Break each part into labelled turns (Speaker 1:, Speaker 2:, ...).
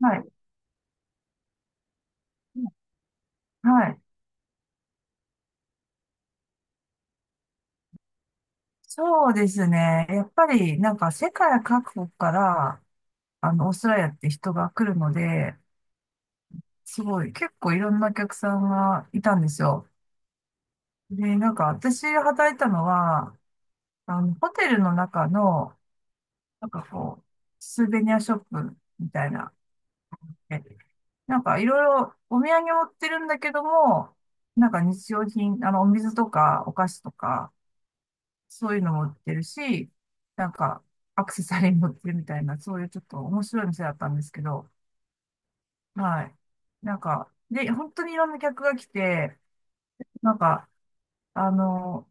Speaker 1: はい。はい。そうですね。やっぱり、なんか世界各国から、オーストラリアって人が来るので、すごい、結構いろんなお客さんがいたんですよ。で、なんか私が働いたのは、ホテルの中の、なんかこう、スーベニアショップみたいな、えなんかいろいろお土産を売ってるんだけども、なんか日用品、お水とかお菓子とか、そういうのも売ってるし、なんか、アクセサリーも売ってるみたいな、そういうちょっと面白い店だったんですけど、はい。なんか、で、本当にいろんな客が来て、なんか、あの、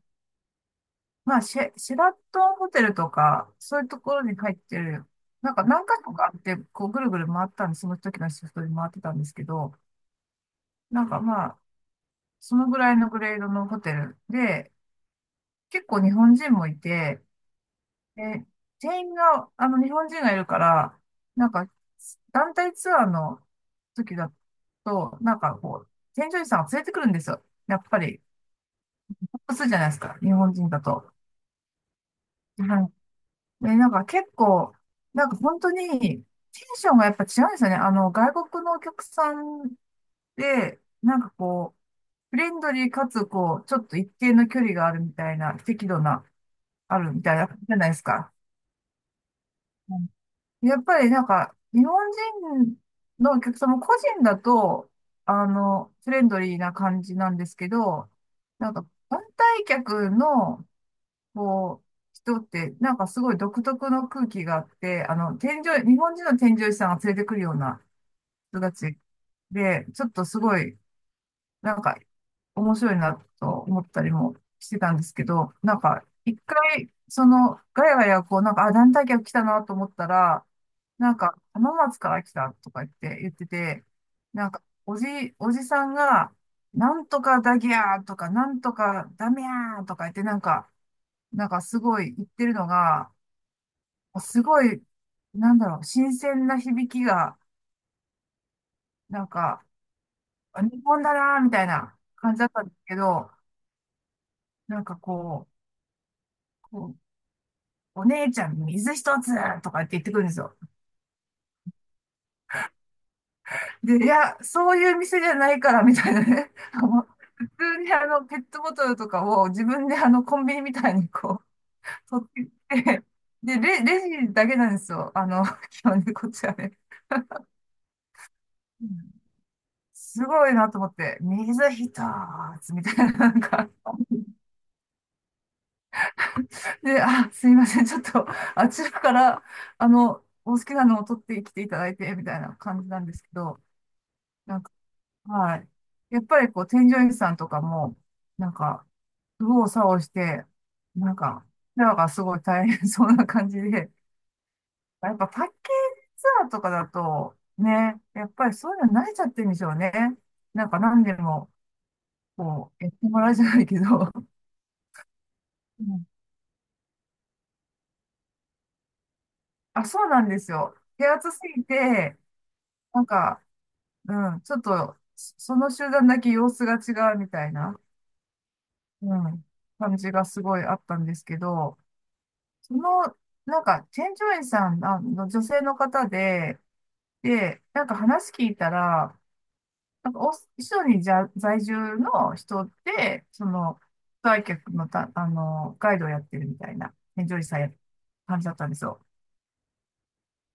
Speaker 1: まあ、シェラトンホテルとか、そういうところに入ってる、なんか何か所かあって、こう、ぐるぐる回ったんで、その時のシフトで回ってたんですけど、なんかまあ、そのぐらいのグレードのホテルで、結構日本人もいて、で、全員が、日本人がいるから、なんか、団体ツアーの時だと、なんかこう、添乗員さんが連れてくるんですよ。やっぱり、複数じゃないですか、日本人だと。はい。で、なんか結構、なんか本当に、テンションがやっぱ違うんですよね。外国のお客さんで、なんかこう、フレンドリーかつ、こう、ちょっと一定の距離があるみたいな、適度な、あるみたいな、じゃないですか。やっぱりなんか、日本人のお客様、個人だと、フレンドリーな感じなんですけど、なんか、団体客の、こう、人って、なんかすごい独特の空気があって、添乗員、日本人の添乗員さんが連れてくるような人たちで、ちょっとすごい、なんか、面白いなと思ったりもしてたんですけど、なんか、一回、その、ガヤガヤ、こう、なんか、あ、団体客来たなと思ったら、なんか、浜松から来たとか言ってて、なんか、おじさんが、なんとかだぎゃーとか、なんとかダメやーとか言って、なんか、すごい言ってるのが、すごい、なんだろう、新鮮な響きが、なんか、あ日本だなーみたいな感じだったんですけど、なんかこう、こうお姉ちゃん水一つとかって言ってくるんですよ。で、いや、そういう店じゃないからみたいなね。普通にペットボトルとかを自分でコンビニみたいにこう取ってきて、で、レジだけなんですよ。基本でこっちはね。うん。すごいなと思って、水一つみたいな、なんか、で、あ、すいません、ちょっと、あちらから、お好きなのを取ってきていただいて、みたいな感じなんですけど、なんはい。やっぱりこう、添乗員さんとかも、なんか、右往左往して、なんか、すごい大変そうな感じで、やっぱパッケージツアーとかだと、ね、やっぱりそういうの慣れちゃってるんでしょうね。なんか何でも、こう、やってもらうじゃないけど。うん。あ、そうなんですよ。手厚すぎて、なんか、うん、ちょっと、その集団だけ様子が違うみたいな、うん、感じがすごいあったんですけど、その、なんか、チェン・ジョイさん女性の方で、で、なんか話聞いたら、なんかオース、一緒にじゃ在住の人で、その、来客のた、ガイドをやってるみたいな、チェン・ジョイさんや感じだったんですよ。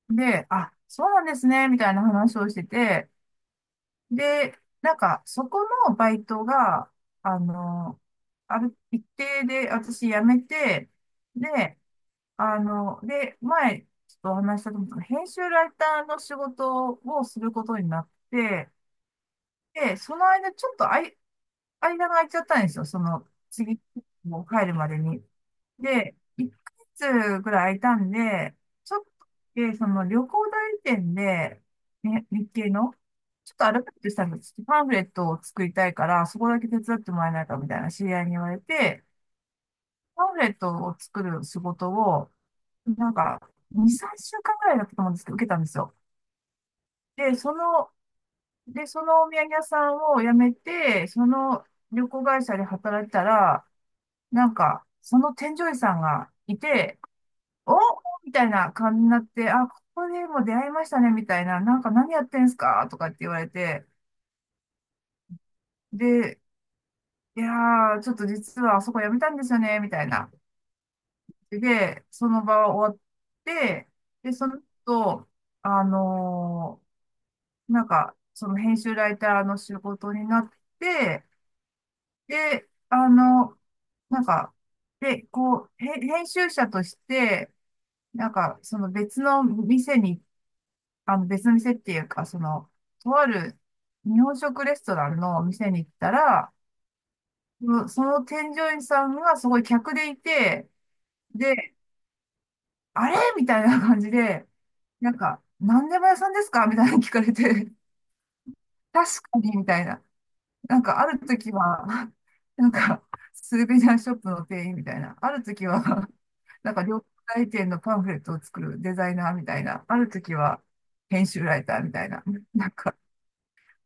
Speaker 1: で、あ、そうなんですね、みたいな話をしてて、で、なんか、そこのバイトが、あの、ある一定で私辞めて、で、で、前、ちょっとお話ししたと思うんですけど、編集ライターの仕事をすることになって、で、その間、ちょっと間が空いちゃったんですよ。その、次、もう帰るまでに。で、1ヶ月ぐらい空いたんで、ちょっと、で、その旅行代理店で、ね、日系の、ちょっとアルバイトしたんです。パンフレットを作りたいから、そこだけ手伝ってもらえないかみたいな知り合いに言われて、パンフレットを作る仕事を、なんか、2、3週間ぐらいだったと思うんですけど、受けたんですよ。で、で、そのお土産屋さんを辞めて、その旅行会社で働いてたら、なんか、その添乗員さんがいて、お、みたいな感じになって、あ、ここでも出会いましたね、みたいな、なんか何やってんすかとかって言われて、で、いやー、ちょっと実はあそこ辞めたんですよね、みたいな。で、その場は終わって、で、その後、あのなんか、その編集ライターの仕事になって、で、なんか、で、こう、編集者として、なんか、その別の店に、別の店っていうか、その、とある日本食レストランの店に行ったら、その添乗員さんがすごい客でいて、で、あれみたいな感じで、なんか、何でも屋さんですかみたいなの聞かれて、確かに、みたいな。なんかある時は、なんかスーベニアショップの店員みたいな、ある時は、なんか料理店のパンフレットを作るデザイナーみたいな、ある時は編集ライターみたいな、なんか、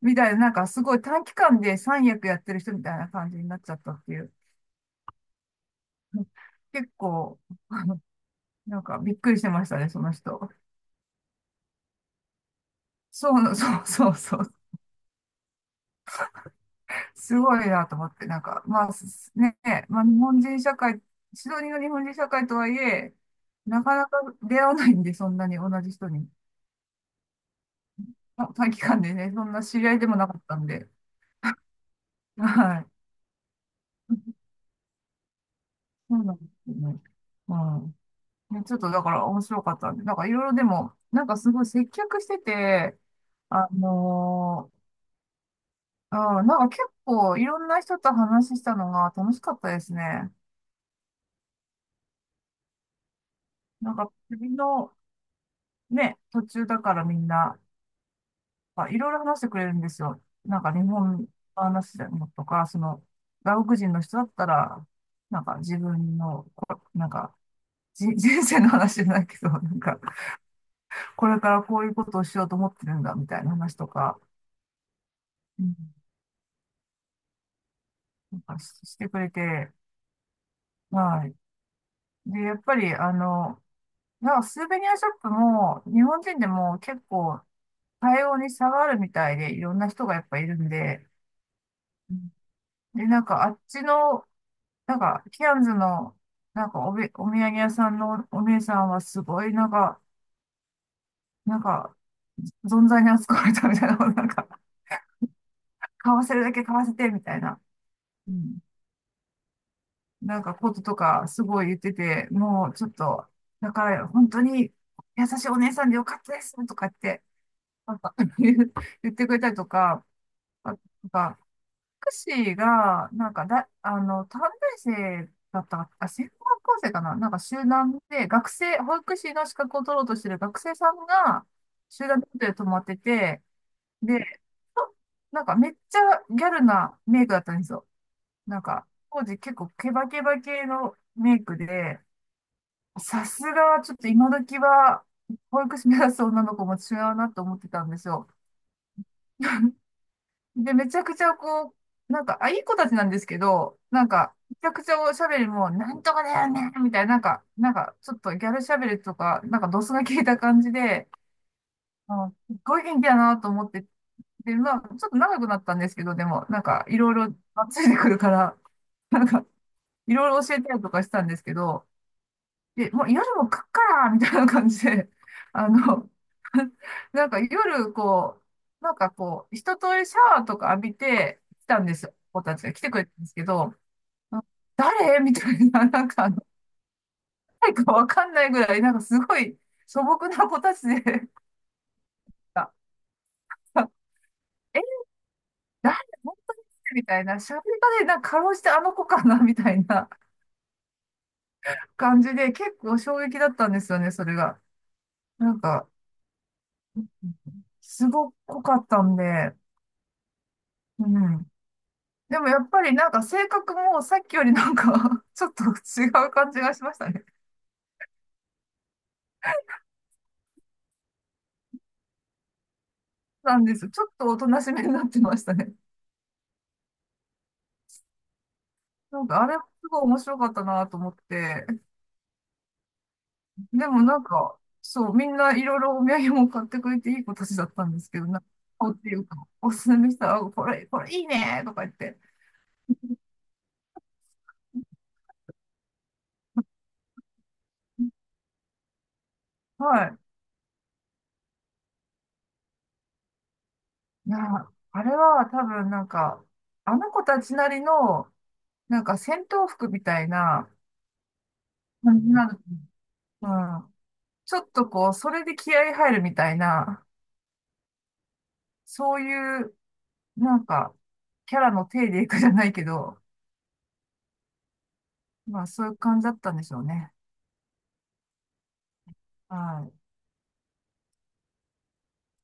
Speaker 1: みたいな、なんかすごい短期間で三役やってる人みたいな感じになっちゃったっていう。結構、なんかびっくりしてましたね、その人。そう、そうそうそう。すごいなと思って、なんか、まあ、まあ、日本人社会、シドニーの日本人社会とはいえ、なかなか出会わないんで、そんなに同じ人に。短期間でね、そんな知り合いでもなかったんで。はい。そうなんですよね。うん。ね、ちょっとだから面白かったんで、なんかいろいろでも、なんかすごい接客してて、あのうん、なんか結構いろんな人と話したのが楽しかったですね。なんか旅のね、途中だからみんな、まあ、いろいろ話してくれるんですよ。なんか日本の話でもとか、その、外国人の人だったら、なんか自分の、なんか、人生の話じゃないけど、なんか、これからこういうことをしようと思ってるんだ、みたいな話とか、うん、なんかしてくれて、はい。で、やっぱり、なんかスーベニアショップも、日本人でも結構、対応に差があるみたいで、いろんな人がやっぱいるんで、うん。で、なんかあっちのなんか、キアンズの、お土産屋さんのお姉さんはすごい、なんか、なんか、存在に扱われたみたいな、なんか、買わせるだけ買わせて、みたいな、うん、なんかこととか、すごい言ってて、もうちょっと、だから、本当に優しいお姉さんでよかったです、とかって、なんか 言ってくれたりとか、あ、なんかクシーが、なんかだ、短大生だったか、あ、専門学校生かななんか集団で、学生、保育士の資格を取ろうとしてる学生さんが、集団でホテル泊まってて、で、となんかめっちゃギャルなメイクだったんですよ。なんか、当時結構ケバケバ系のメイクで、さすがちょっと今時は、保育士目指す女の子も違うなと思ってたんですよ。で、めちゃくちゃこう、なんか、あ、いい子たちなんですけど、なんか、めちゃくちゃおしゃべりも、なんとかだよね、みたいな、なんか、ちょっとギャルしゃべりとか、なんか、ドスが効いた感じで、あ、すっごい元気だなと思って、で、まあ、ちょっと長くなったんですけど、でも、なんか、いろいろ、あついてくるから、なんか、いろいろ教えたりとかしたんですけど、で、もう夜も食っからみたいな感じで、あの、なんか夜、こう、なんかこう、一通りシャワーとか浴びて来たんですよ。子たちが来てくれたんですけど、あ誰みたいな、なんか、誰かわかんないぐらい、なんかすごい素朴な子たちで、あえ、誰本当にみたいな、喋り方で、なんかかろうじてあの子かなみたいな感じで、結構衝撃だったんですよね、それが。なんか、すごかったんで、うん。でもやっぱりなんか性格もさっきよりなんか ちょっと違う感じがしましたね。なんですちょっとおとなしめになってましたね。なんかあれもすごい面白かったなと思って。でもなんか、そう、みんないろいろお土産も買ってくれていい子たちだったんですけど、なんか、こうっていうか、おすすめしたら、あこれ、これいいねとか言って。はい。いや、あれは多分なんか、あの子たちなりの、なんか戦闘服みたいな感じになる。うん。ちょっとこう、それで気合い入るみたいな、そういう、なんか、キャラの体でいくじゃないけど、まあそういう感じだったんでしょうね。はい。